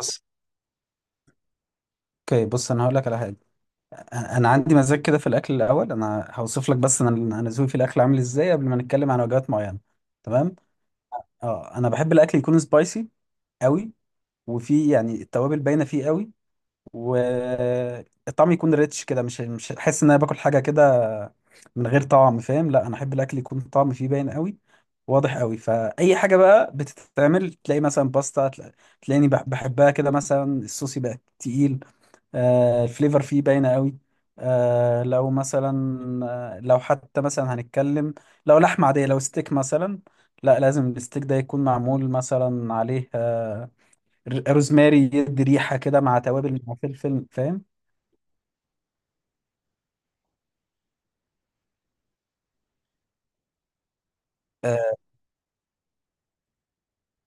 بص، اوكي. بص انا هقول لك على حاجه. انا عندي مزاج كده في الاكل. الاول انا هوصف لك بس انا ذوقي في الاكل عامل ازاي قبل ما نتكلم عن وجبات معينه. تمام. اه انا بحب الاكل يكون سبايسي قوي، وفيه يعني التوابل باينه فيه قوي، والطعم يكون ريتش كده، مش احس ان انا باكل حاجه كده من غير طعم، فاهم؟ لا انا احب الاكل يكون طعم فيه باين قوي، واضح قوي. فاي حاجه بقى بتتعمل تلاقي مثلا باستا، تلاقيني بحبها كده. مثلا الصوص يبقى تقيل، الفليفر فيه باينة قوي. آه، لو مثلا لو حتى مثلا هنتكلم لو لحمة عادية، لو ستيك مثلا، لا لازم الستيك ده يكون معمول مثلا عليه روزماري يدي ريحة كده، مع توابل مع فلفل، فاهم؟ آه،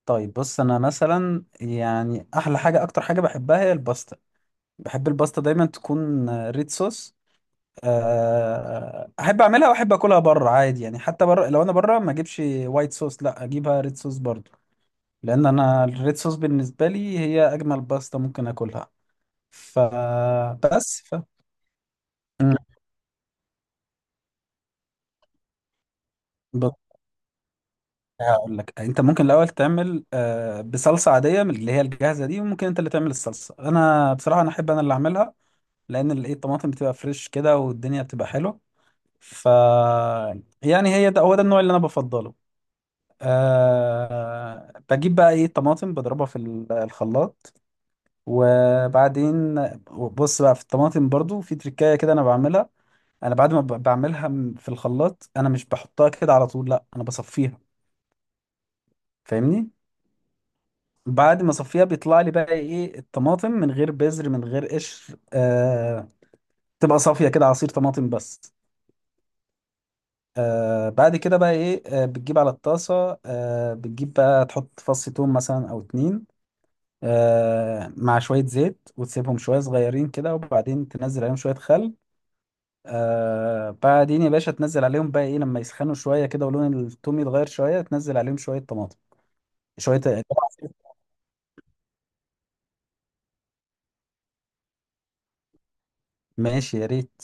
طيب بص، انا مثلا يعني احلى حاجة اكتر حاجة بحبها هي الباستا. بحب الباستا دايما تكون ريد صوص. احب اعملها واحب اكلها بره عادي. يعني حتى بره لو انا بره ما اجيبش وايت صوص، لا اجيبها ريد صوص برضه. لان انا الريد صوص بالنسبه لي هي اجمل باستا ممكن اكلها. فبس ف مم. بص، هقول لك. انت ممكن الاول تعمل بصلصه عاديه من اللي هي الجاهزه دي، وممكن انت اللي تعمل الصلصه. انا بصراحه انا احب انا اللي اعملها لان ال- ايه الطماطم بتبقى فريش كده والدنيا بتبقى حلوه. ف يعني هي ده هو ده النوع اللي انا بفضله. أه، بجيب بقى ايه طماطم بضربها في الخلاط، وبعدين بص بقى في الطماطم برضو في تركاية كده انا بعملها. انا بعد ما بعملها في الخلاط انا مش بحطها كده على طول، لا انا بصفيها، فاهمني؟ بعد ما اصفيها بيطلع لي بقى ايه الطماطم من غير بذر من غير قشر، آه، تبقى صافيه كده، عصير طماطم بس. آه، بعد كده بقى ايه، آه، بتجيب على الطاسه، آه، بتجيب بقى تحط فص ثوم مثلا او اتنين، آه، مع شويه زيت، وتسيبهم شويه صغيرين كده، وبعدين تنزل عليهم شويه خل، آه، بعدين يا باشا تنزل عليهم بقى ايه لما يسخنوا شويه كده ولون التوم يتغير شويه تنزل عليهم شويه طماطم. شوية ماشي يا ريت.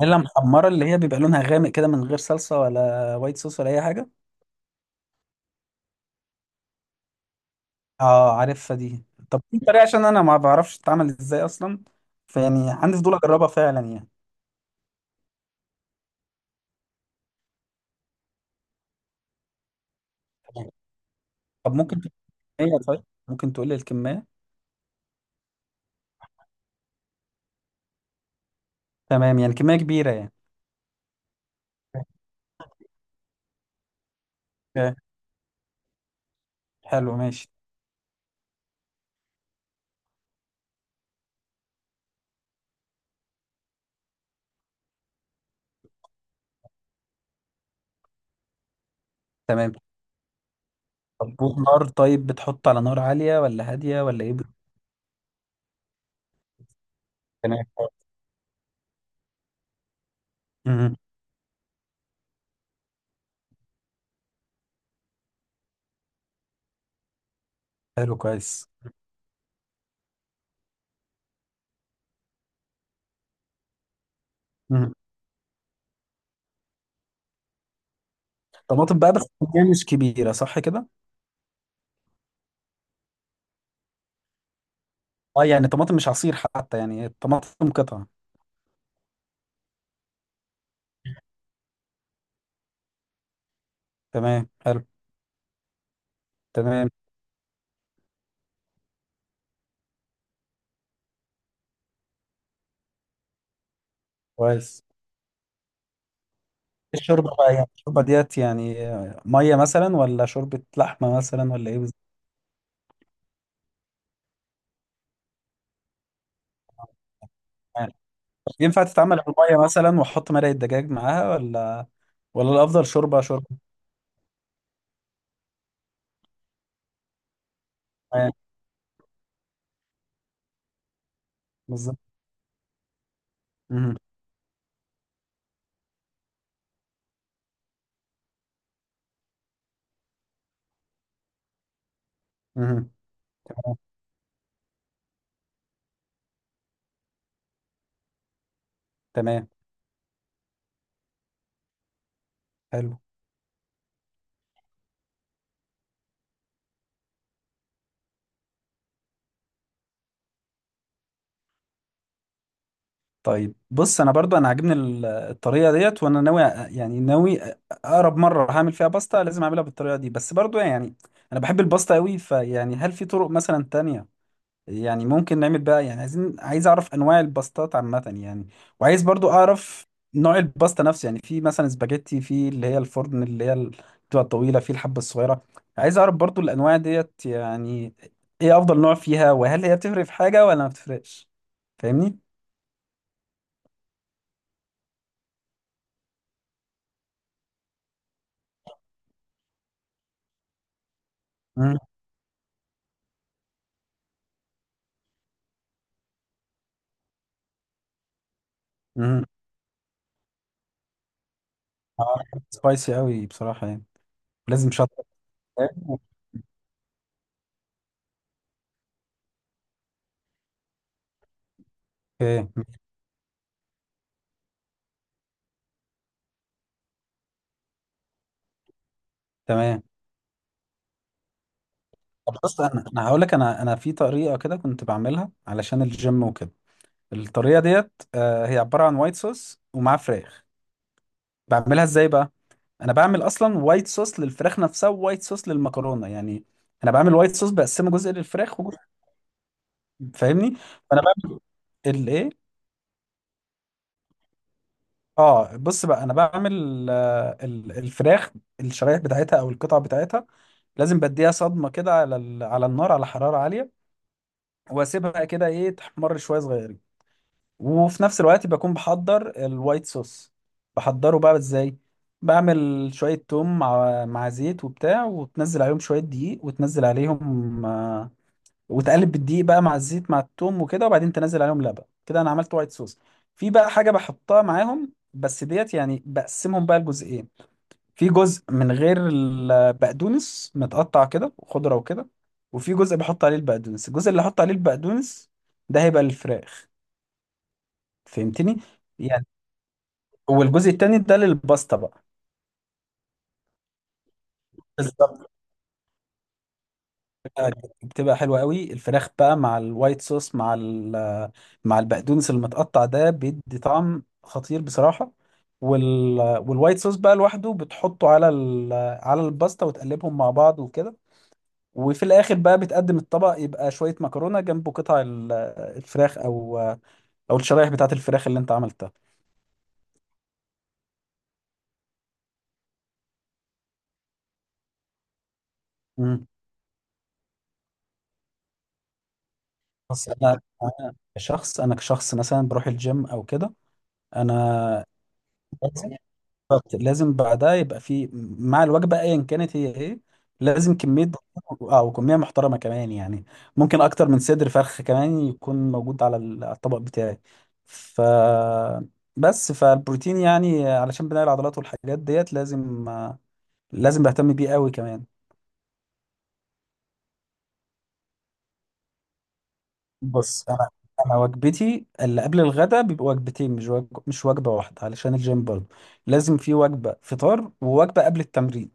بانيلا محمرة اللي هي بيبقى لونها غامق كده من غير صلصة ولا وايت صوص ولا أي حاجة. اه عارفها دي. طب في طريقة؟ عشان أنا ما بعرفش تتعمل إزاي أصلا، فيعني عندي فضول أجربها فعلا يعني. تمام. طب ممكن تقول لي الكمية؟ طيب ممكن تقول لي الكمية؟ تمام، يعني كمية كبيرة يعني. اوكي. حلو، ماشي. تمام. طب نار، طيب بتحط على نار عالية ولا هادية ولا إيه؟ تمام. مم. حلو، كويس. مم. طماطم بقى بس كمية مش كبيرة، صح كده؟ اه يعني طماطم مش عصير حتى، يعني الطماطم قطع. تمام، حلو. تمام، كويس. الشوربة بقى، يعني الشوربة ديت يعني مية مثلا ولا شوربة لحمة مثلا ولا ايه بالظبط؟ يعني ينفع تتعمل بالمية مثلا واحط مرقة دجاج معاها، ولا ولا الأفضل شوربة شوربة؟ آه، بالظبط. مهم. مهم. تمام، حلو. طيب بص، انا برضو انا عاجبني الطريقه ديت، وانا يعني اقرب مره هعمل فيها باستا لازم اعملها بالطريقه دي. بس برضو يعني انا بحب الباستا قوي، فيعني هل في طرق مثلا تانية؟ يعني ممكن نعمل بقى، يعني عايز اعرف انواع الباستات عامه يعني. وعايز برضو اعرف نوع الباستا نفسه، يعني في مثلا سباجيتي، في اللي هي الفرن، اللي هي بتبقى الطويله، في الحبه الصغيره. عايز اعرف برضو الانواع ديت يعني ايه افضل نوع فيها، وهل هي بتفرق في حاجه ولا ما بتفرقش، فاهمني؟ مم. مم. اه سبايسي قوي بصراحه يعني. لازم شطه. اوكي. تمام. طب بص، انا هقول لك، انا في طريقه كده كنت بعملها علشان الجيم وكده. الطريقه ديت هي عباره عن وايت صوص ومعاه فراخ. بعملها ازاي بقى؟ انا بعمل اصلا وايت صوص للفراخ نفسها ووايت صوص للمكرونه يعني. انا بعمل وايت صوص بقسمه جزء للفراخ وجزء. فاهمني؟ فانا بعمل الايه، اه بص بقى، انا بعمل الفراخ، الشرايح بتاعتها او القطع بتاعتها، لازم بديها صدمه كده على على النار على حراره عاليه، واسيبها كده ايه تحمر شويه صغيرين. وفي نفس الوقت بكون بحضر الوايت صوص. بحضره بقى ازاي؟ بعمل شويه توم مع مع زيت وبتاع، وتنزل عليهم شويه دقيق، وتنزل عليهم وتقلب بالدقيق بقى مع الزيت مع التوم وكده، وبعدين تنزل عليهم لبن كده، انا عملت وايت صوص. في بقى حاجه بحطها معاهم بس ديت، يعني بقسمهم بقى لجزئين. في جزء من غير البقدونس متقطع كده وخضرة وكده، وفي جزء بحط عليه البقدونس. الجزء اللي احط عليه البقدونس ده هيبقى للفراخ، فهمتني يعني؟ والجزء التاني ده للباستا بقى. بالظبط. بتبقى حلوة قوي الفراخ بقى، مع الوايت صوص، مع مع البقدونس المتقطع ده، بيدي طعم خطير بصراحة. والوايت صوص بقى لوحده بتحطه على على الباستا وتقلبهم مع بعض وكده. وفي الاخر بقى بتقدم الطبق، يبقى شويه مكرونه جنبه قطع الفراخ او او الشرايح بتاعه الفراخ اللي انت عملتها. امم. بس انا، كشخص، انا كشخص مثلا بروح الجيم او كده، انا لازم. بالظبط، لازم بعدها يبقى في، مع الوجبه ايا كانت هي ايه، لازم كميه. اه وكميه محترمه كمان يعني، ممكن اكتر من صدر فرخ كمان يكون موجود على على الطبق بتاعي. ف بس فالبروتين يعني علشان بناء العضلات والحاجات ديت لازم، لازم بهتم بيه قوي كمان. بص انا، انا وجبتي اللي قبل الغداء بيبقى وجبتين، مش مش وجبه واحده، علشان الجيم برضه لازم في وجبه فطار ووجبه قبل التمرين.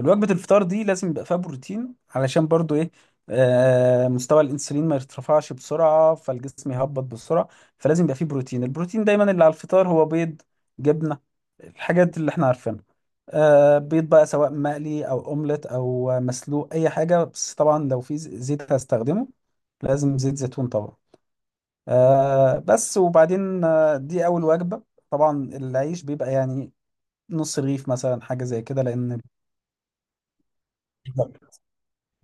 الوجبه الفطار دي لازم يبقى فيها بروتين علشان برضه ايه آه مستوى الانسولين ما يرتفعش بسرعه فالجسم يهبط بسرعه. فلازم يبقى فيه بروتين. البروتين دايما اللي على الفطار هو بيض، جبنه، الحاجات اللي احنا عارفينها. آه بيض بقى سواء مقلي او اومليت او مسلوق اي حاجه، بس طبعا لو في زيت هستخدمه لازم زيت زيتون طبعا. آه بس، وبعدين آه دي أول وجبة. طبعا العيش بيبقى يعني نص رغيف مثلا حاجة زي كده، لأن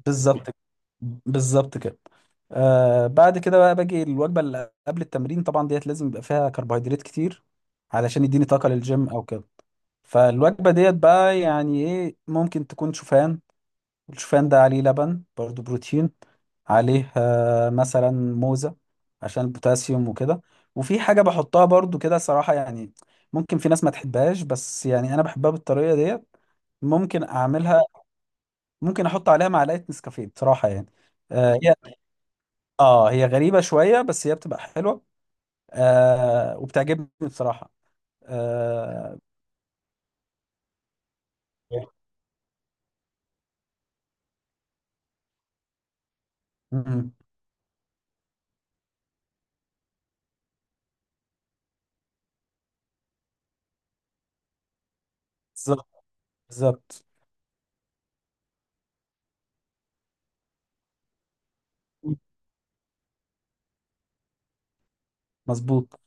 بالظبط. بالظبط كده. آه بعد كده بقى باجي الوجبة اللي قبل التمرين، طبعا ديت لازم يبقى فيها كربوهيدرات كتير علشان يديني طاقة للجيم أو كده. فالوجبة ديت بقى يعني إيه، ممكن تكون شوفان. الشوفان ده عليه لبن برضو، بروتين، عليه مثلا موزة عشان البوتاسيوم وكده. وفي حاجة بحطها برضو كده صراحة يعني، ممكن في ناس ما تحبهاش بس يعني أنا بحبها بالطريقة ديت، ممكن أعملها، ممكن أحط عليها معلقة نسكافيه بصراحة يعني. آه هي، آه هي غريبة شوية بس هي بتبقى حلوة، آه وبتعجبني بصراحة. آه. مم. بالظبط. بالظبط. مظبوط.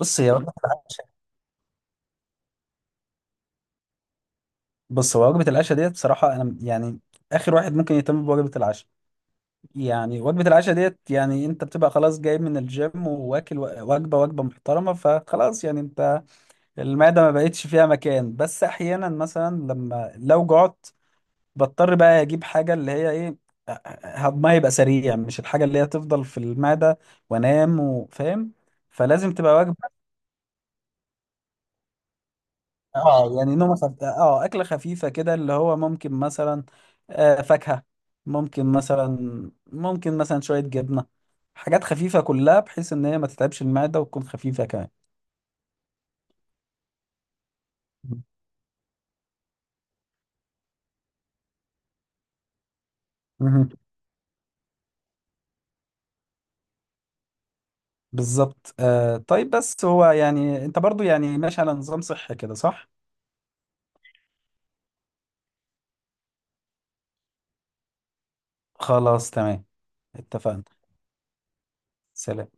بص هي وجبة العشاء، بص هو وجبة العشاء ديت بصراحة أنا يعني آخر واحد ممكن يهتم بوجبة العشاء. يعني وجبة العشاء ديت يعني انت بتبقى خلاص جاي من الجيم واكل وجبة وجبة محترمة، فخلاص يعني انت المعدة ما بقتش فيها مكان. بس احيانا مثلا لما لو جعت، بضطر بقى اجيب حاجة اللي هي ايه هضمها يبقى سريع، مش الحاجة اللي هي تفضل في المعدة وانام وفاهم. فلازم تبقى وجبة اه اكله خفيفه كده اللي هو ممكن مثلا آه فاكهه، ممكن مثلا ممكن مثلا شويه جبنه، حاجات خفيفه كلها بحيث ان هي ما تتعبش المعده وتكون خفيفه كمان. مهم. بالظبط. آه طيب، بس هو يعني انت برضو يعني ماشي على نظام صحي كده، صح؟ خلاص، تمام، اتفقنا. سلام.